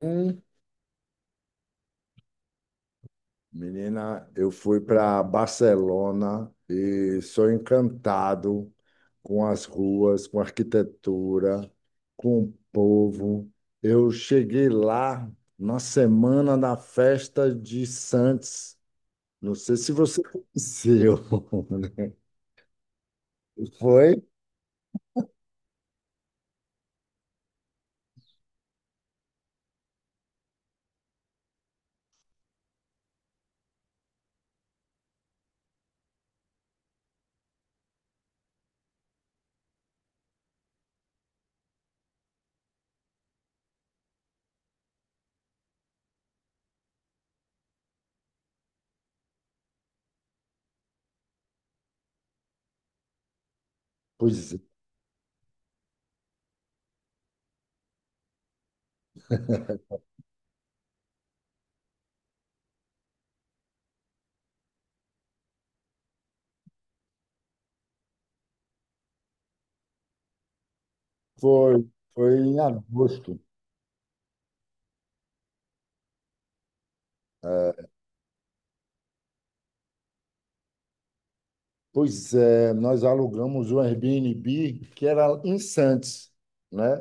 Hum, Menina, eu fui para Barcelona e sou encantado com as ruas, com a arquitetura, com o povo. Eu cheguei lá na semana da festa de Santos. Não sei se você conheceu. Foi? Pois é, foi, foi em agosto. É, pois é, nós alugamos um Airbnb que era em Santos, né?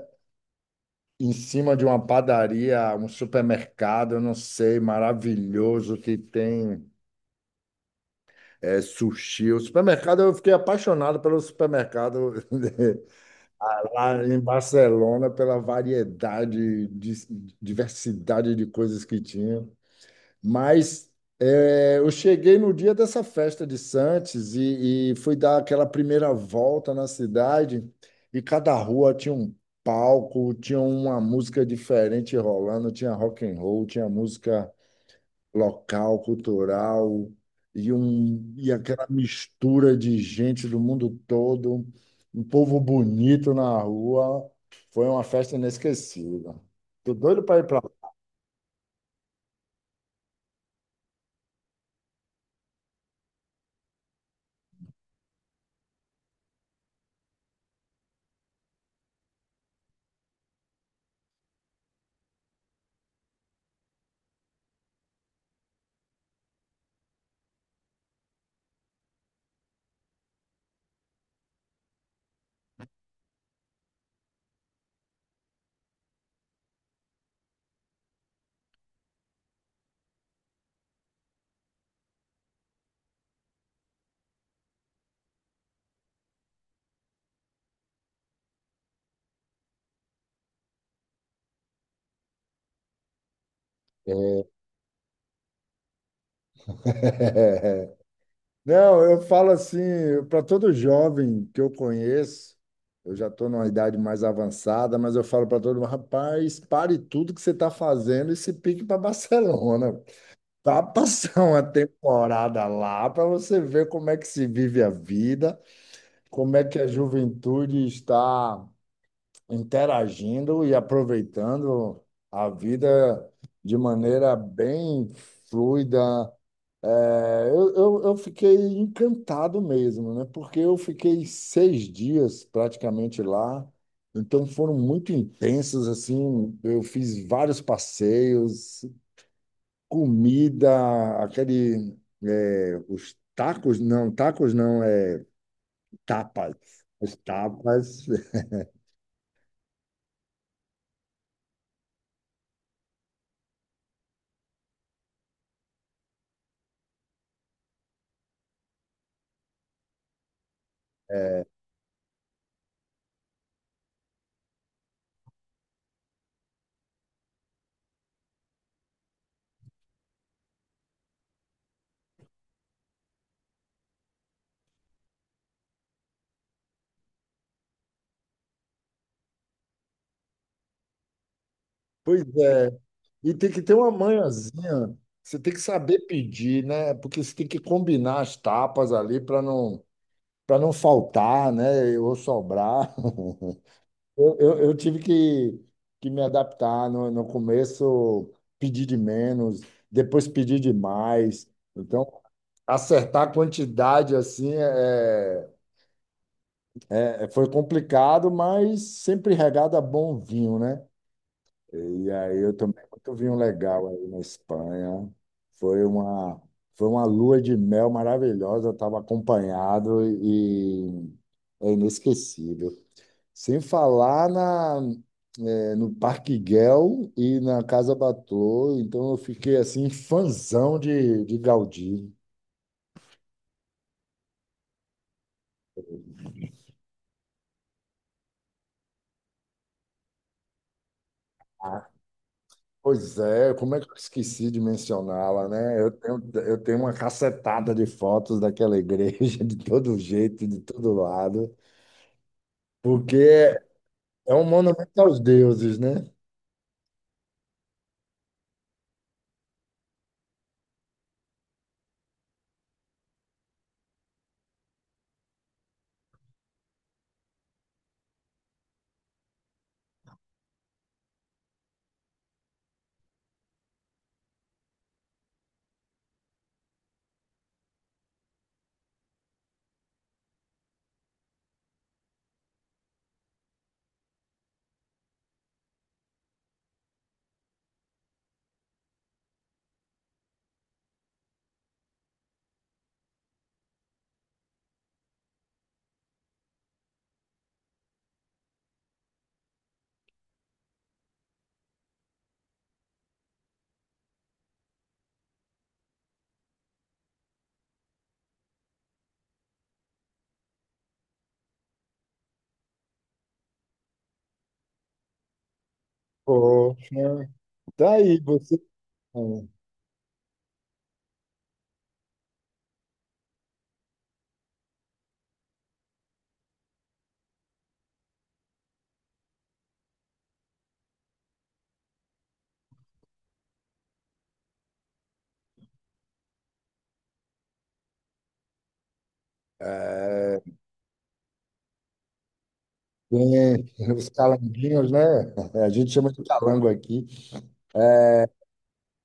Em cima de uma padaria, um supermercado, eu não sei, maravilhoso que tem é, sushi. O supermercado, eu fiquei apaixonado pelo supermercado lá em Barcelona, pela variedade, diversidade de coisas que tinha. Mas eu cheguei no dia dessa festa de Santos e fui dar aquela primeira volta na cidade e cada rua tinha um palco, tinha uma música diferente rolando, tinha rock and roll, tinha música local, cultural e aquela mistura de gente do mundo todo, um povo bonito na rua. Foi uma festa inesquecível. Tô doido para ir para lá. Não, eu falo assim, para todo jovem que eu conheço, eu já estou numa idade mais avançada, mas eu falo para todo mundo, rapaz, pare tudo que você está fazendo e se pique para Barcelona. Vá passar uma temporada lá para você ver como é que se vive a vida, como é que a juventude está interagindo e aproveitando a vida de maneira bem fluida. É, eu fiquei encantado mesmo, né? Porque eu fiquei 6 dias praticamente lá, então foram muito intensos, assim. Eu fiz vários passeios, comida, aquele, os tacos não, é tapas. Os tapas. Pois é. E tem que ter uma manhãzinha. Você tem que saber pedir, né? Porque você tem que combinar as tapas ali para não, faltar, né? Ou sobrar. Eu tive que me adaptar. No começo, pedir de menos, depois pedir de mais. Então, acertar a quantidade assim foi complicado, mas sempre regado a bom vinho, né? E aí eu tomei muito vinho legal aí na Espanha. Foi uma, foi uma lua de mel maravilhosa, estava acompanhado e é inesquecível. Sem falar no Parque Güell e na Casa Batlló, então eu fiquei assim, fãzão de Gaudí. Ah, pois é, como é que eu esqueci de mencioná-la, né? Eu tenho uma cacetada de fotos daquela igreja, de todo jeito, de todo lado. Porque é um monumento aos deuses, né? Poxa, tá aí, você. É, tem os calanguinhos, né? A gente chama de calango aqui. É,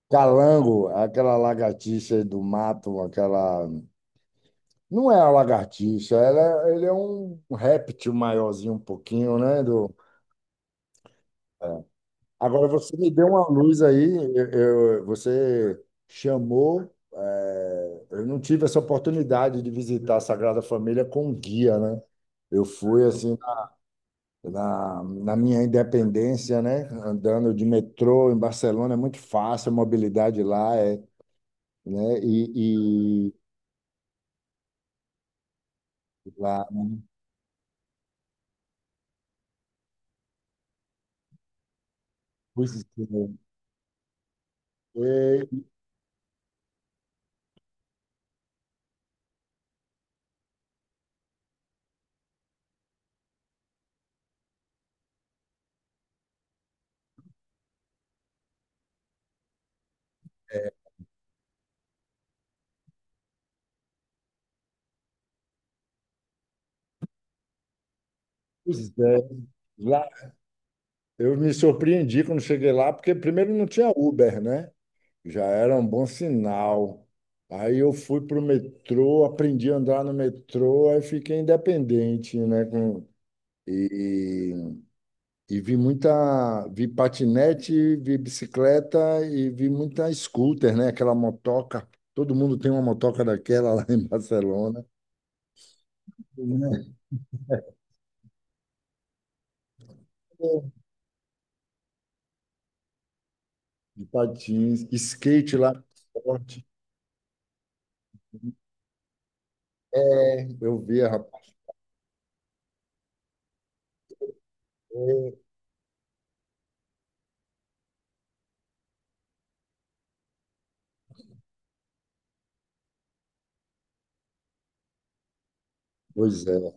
calango, aquela lagartixa do mato, aquela. Não é a lagartixa, ele é um réptil maiorzinho um pouquinho, né? Agora você me deu uma luz aí, você chamou, eu não tive essa oportunidade de visitar a Sagrada Família com guia, né? Eu fui assim na minha independência, né? Andando de metrô em Barcelona é muito fácil, a mobilidade lá é, né? E lá, pois é, pois é, lá eu me surpreendi quando cheguei lá, porque primeiro não tinha Uber, né? Já era um bom sinal. Aí eu fui para o metrô, aprendi a andar no metrô, aí fiquei independente, né? E, e vi patinete, vi bicicleta e vi muita scooter, né? Aquela motoca. Todo mundo tem uma motoca daquela lá em Barcelona. É, de patins, skate lá, forte. É, eu vi rapaz. Pois é,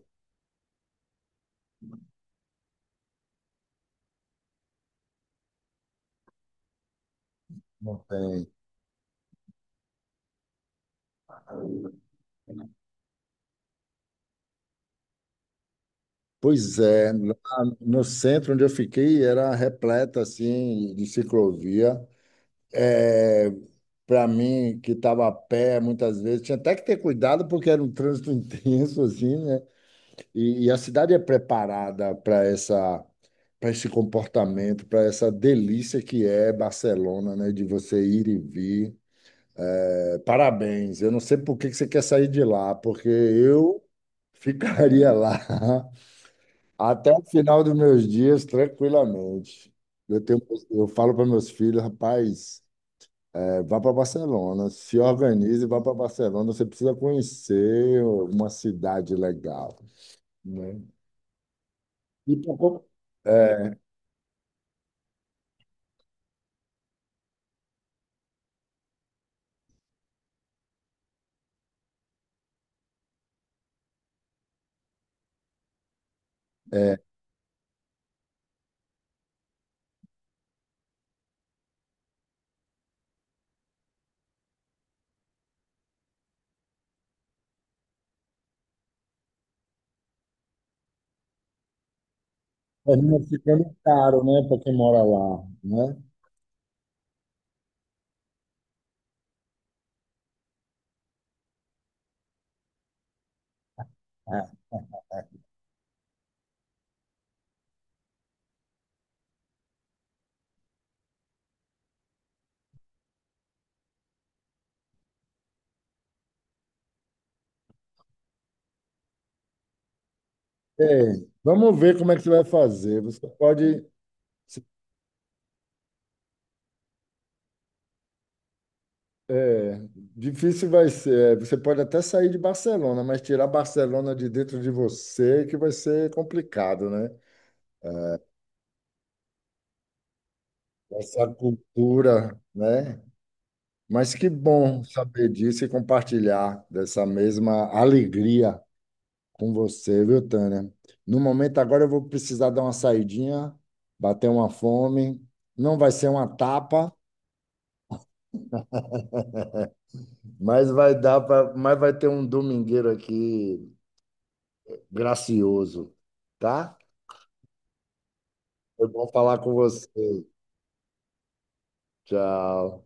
não tem. Pois é, lá no centro onde eu fiquei era repleta assim de ciclovia. É para mim que estava a pé muitas vezes tinha até que ter cuidado porque era um trânsito intenso assim, né? E a cidade é preparada para esse comportamento, para essa delícia que é Barcelona, né? De você ir e vir. É, parabéns. Eu não sei por que que você quer sair de lá, porque eu ficaria lá até o final dos meus dias, tranquilamente. Eu tenho, eu falo para meus filhos, rapaz, é, vá para Barcelona, se organize, e vá para Barcelona. Você precisa conhecer uma cidade legal, né? E pra co- é, é, termina ficando caro, né, para quem mora lá, né? É, vamos ver como é que você vai fazer. Você pode É, difícil vai ser. Você pode até sair de Barcelona, mas tirar Barcelona de dentro de você é que vai ser complicado, né? Essa cultura, né? Mas que bom saber disso e compartilhar dessa mesma alegria com você, viu, Tânia? No momento agora eu vou precisar dar uma saidinha, bater uma fome. Não vai ser uma tapa, mas mas vai ter um domingueiro aqui gracioso, tá? Foi bom falar com você. Tchau.